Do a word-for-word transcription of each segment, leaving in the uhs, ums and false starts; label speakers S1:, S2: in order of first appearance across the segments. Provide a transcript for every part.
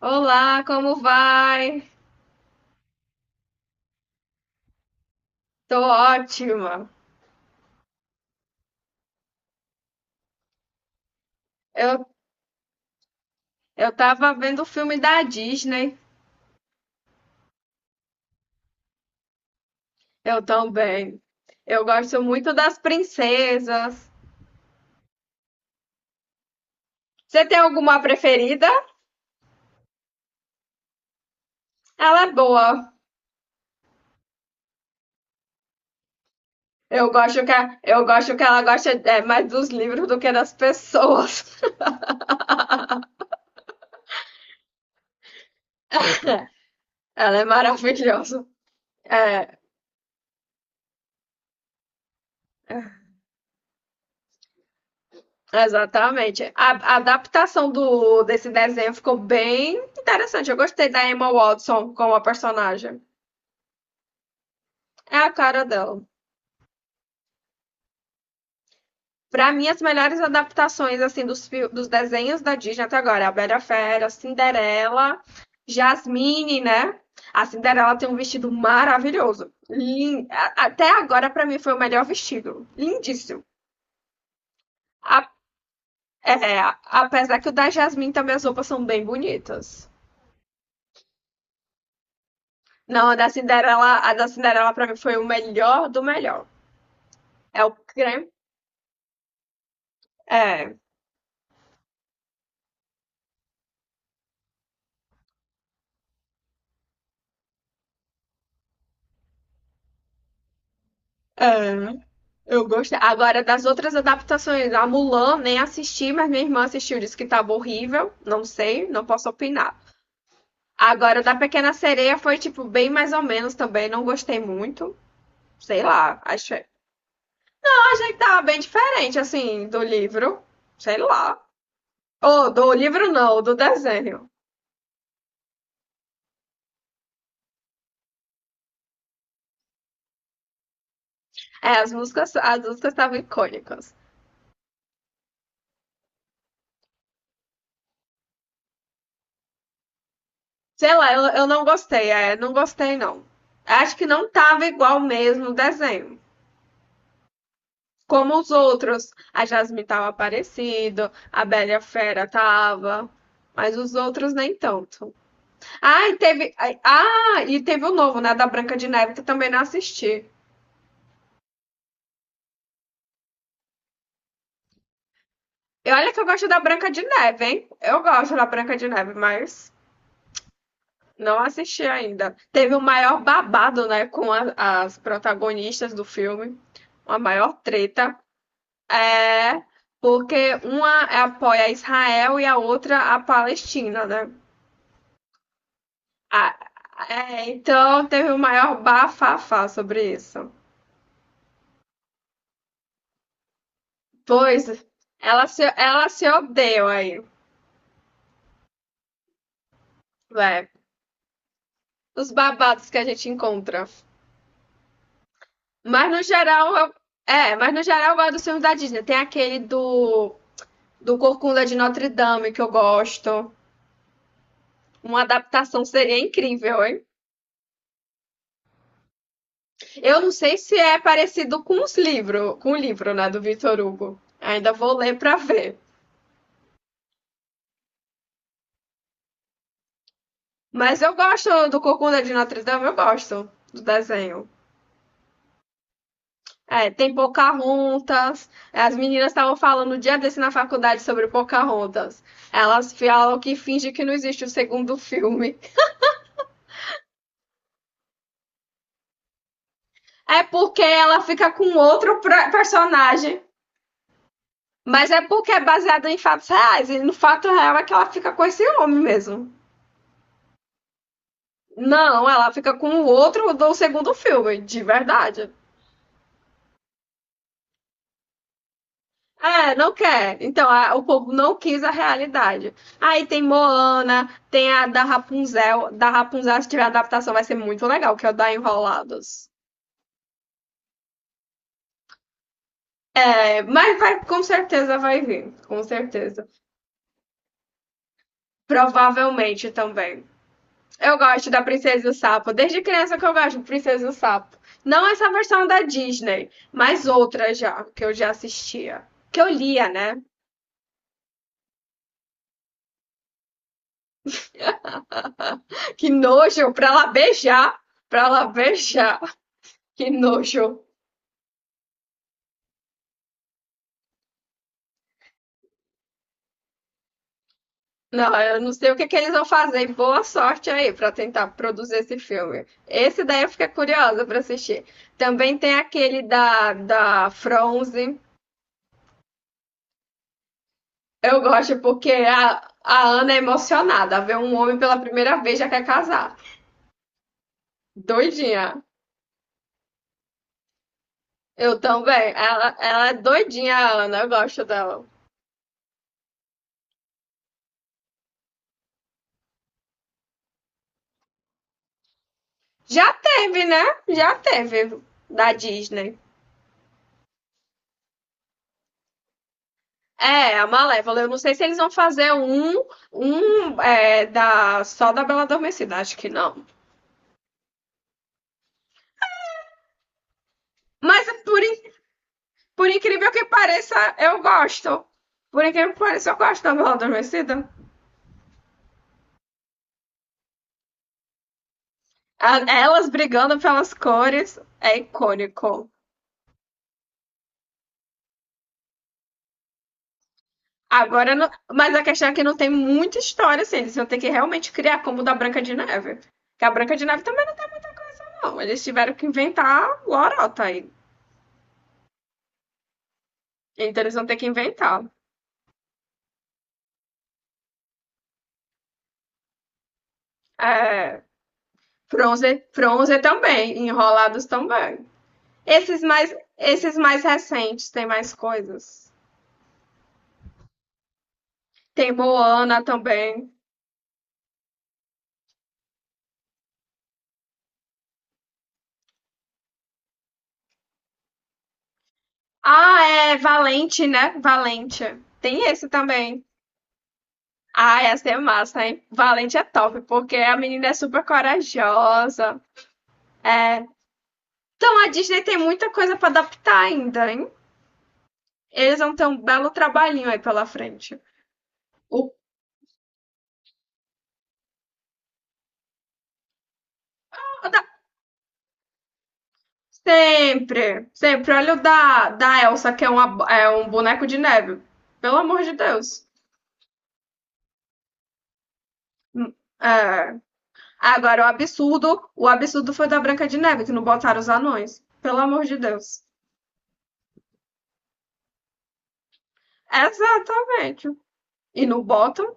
S1: Olá, como vai? Tô ótima. Eu, eu tava vendo o filme da Disney. Eu também. Eu gosto muito das princesas. Você tem alguma preferida? Ela é boa. Eu gosto que, a- eu gosto que ela gosta é, mais dos livros do que das pessoas. Ela é maravilhosa. É, exatamente. A, a adaptação do, desse desenho ficou bem interessante. Eu gostei da Emma Watson como a personagem. É a cara dela. Pra mim, as melhores adaptações assim dos, fil- dos desenhos da Disney até agora é a Bela e a Fera, Cinderela, Jasmine, né? A Cinderela tem um vestido maravilhoso. Lin- a- Até agora, pra mim, foi o melhor vestido. Lindíssimo. A- é, a- Apesar que o da Jasmine também as roupas são bem bonitas. Não, a da Cinderela, a da Cinderela pra mim foi o melhor do melhor. É o creme. É, é. Eu gostei. Agora, das outras adaptações, a Mulan nem assisti, mas minha irmã assistiu, disse que estava horrível. Não sei, não posso opinar. Agora, da Pequena Sereia foi, tipo, bem mais ou menos também. Não gostei muito. Sei lá, achei. Eu achei que tava bem diferente, assim, do livro. Sei lá. Ou do livro não, do desenho. É, as músicas, as músicas estavam icônicas. Sei lá, eu, eu não gostei, é, não gostei não. Acho que não tava igual mesmo o desenho. Como os outros, a Jasmine tava aparecendo, a Bela e a Fera tava, mas os outros nem tanto. Ah, e teve, ah, e teve o novo, né, da Branca de Neve, que eu também não assisti. E olha que eu gosto da Branca de Neve, hein? Eu gosto da Branca de Neve, mas não assisti ainda. Teve o maior babado, né, com a- as protagonistas do filme, uma maior treta. É, porque uma apoia Israel e a outra a Palestina, né? Ah, é, então teve o maior bafafá sobre isso. Pois ela se, ela se odeia aí, é, os babados que a gente encontra. Mas no geral, eu- é, mas no geral eu gosto dos filmes da Disney. Tem aquele do, do Corcunda de Notre Dame que eu gosto. Uma adaptação seria incrível, hein? Eu não sei se é parecido com os livros, com o livro, né, do Victor Hugo. Ainda vou ler pra ver. Mas eu gosto do Corcunda de Notre Dame, eu gosto do desenho. É, tem Pocahontas. É, as meninas estavam falando o dia desse na faculdade sobre Pocahontas. Elas falam que finge que não existe o segundo filme. É porque ela fica com outro pra- personagem. Mas é porque é baseado em fatos reais. E no fato real é que ela fica com esse homem mesmo. Não, ela fica com o outro do segundo filme, de verdade. É, não quer. Então, a- o povo não quis a realidade. Aí tem Moana, tem a da Rapunzel. Da Rapunzel, se tiver adaptação, vai ser muito legal, que é o da Enrolados. É, mas vai, com certeza vai vir. Com certeza. Provavelmente também. Eu gosto da Princesa e o Sapo. Desde criança que eu gosto de Princesa e o Sapo. Não essa versão da Disney, mas outra já, que eu já assistia. Que eu lia, né? Que nojo, pra lá beijar. Pra lá beijar. Que nojo. Não, eu não sei o que que eles vão fazer. E boa sorte aí para tentar produzir esse filme. Esse daí eu fiquei curiosa para assistir. Também tem aquele da, da Fronze. Eu gosto porque a, a Ana é emocionada. Vê um homem pela primeira vez já quer casar. Doidinha. Eu também. Ela, ela é doidinha, a Ana. Eu gosto dela. Já teve, né? Já teve da Disney. É, a Malévola. Eu não sei se eles vão fazer um, um é, da, só da Bela Adormecida, acho que não. Mas por, in- por incrível que pareça, eu gosto. Por incrível que pareça, eu gosto da Bela Adormecida. A- Elas brigando pelas cores é icônico. Agora, não- mas a questão é que não tem muita história, assim. Eles vão ter que realmente criar como o da Branca de Neve. Que a Branca de Neve também não tem muita coisa, não. Eles tiveram que inventar lorota aí. Então eles vão ter que inventar. É, Fronze, Fronze também, Enrolados também. Esses mais, esses mais recentes tem mais coisas. Tem Moana também. Ah, é Valente, né? Valente. Tem esse também. Ah, essa é massa, hein? Valente é top, porque a menina é super corajosa. É. Então a Disney tem muita coisa para adaptar ainda, hein? Eles vão ter um belo trabalhinho aí pela frente. O Sempre, sempre. Olha o da, da Elsa, que é, uma, é um boneco de neve. Pelo amor de Deus. Hum, é. Agora, o absurdo, o absurdo foi da Branca de Neve, que não botaram os anões. Pelo amor de Deus. Exatamente. E não botam,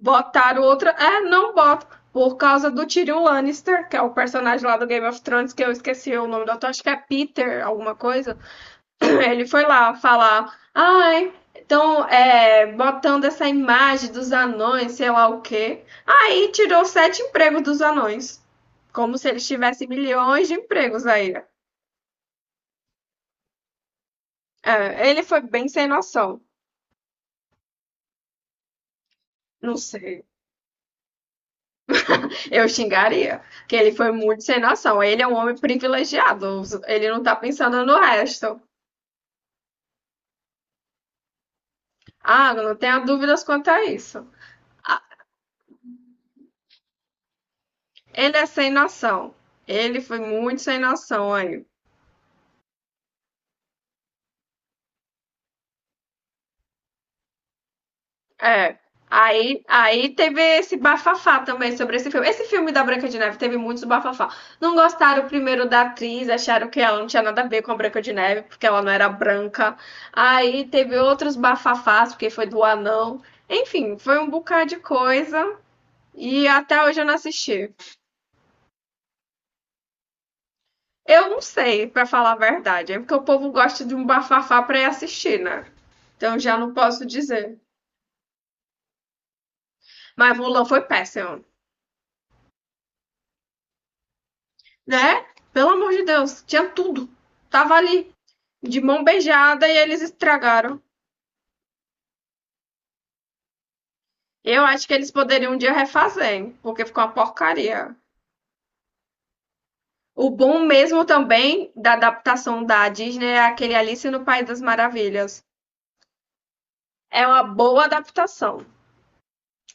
S1: botaram outra. É, não botam. Por causa do Tyrion Lannister, que é o personagem lá do Game of Thrones, que eu esqueci o nome do ator, acho que é Peter, alguma coisa. Ele foi lá falar, ai, estão é, botando essa imagem dos anões, sei lá o quê. Aí tirou sete empregos dos anões. Como se eles tivessem milhões de empregos aí. É, ele foi bem sem noção. Não sei. Eu xingaria. Que ele foi muito sem noção. Ele é um homem privilegiado. Ele não tá pensando no resto. Ah, não tenho dúvidas quanto a isso. Ah, ele é sem noção. Ele foi muito sem noção aí. É. Aí, aí teve esse bafafá também sobre esse filme. Esse filme da Branca de Neve teve muitos bafafá. Não gostaram primeiro da atriz, acharam que ela não tinha nada a ver com a Branca de Neve, porque ela não era branca. Aí teve outros bafafás, porque foi do anão. Enfim, foi um bocado de coisa e até hoje eu não assisti. Eu não sei, pra falar a verdade, é porque o povo gosta de um bafafá pra ir assistir, né? Então já não posso dizer. Mas Mulan foi péssimo. Né? Pelo amor de Deus, tinha tudo. Tava ali, de mão beijada, e eles estragaram. Eu acho que eles poderiam um dia refazer, hein, porque ficou uma porcaria. O bom mesmo também da adaptação da Disney é aquele Alice no País das Maravilhas. É uma boa adaptação.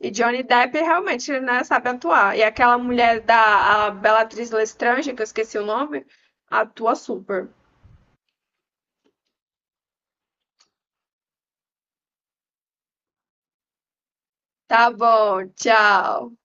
S1: E Johnny Depp realmente, né, sabe atuar. E aquela mulher da a Bellatrix Lestrange, que eu esqueci o nome, atua super. Tá bom, tchau.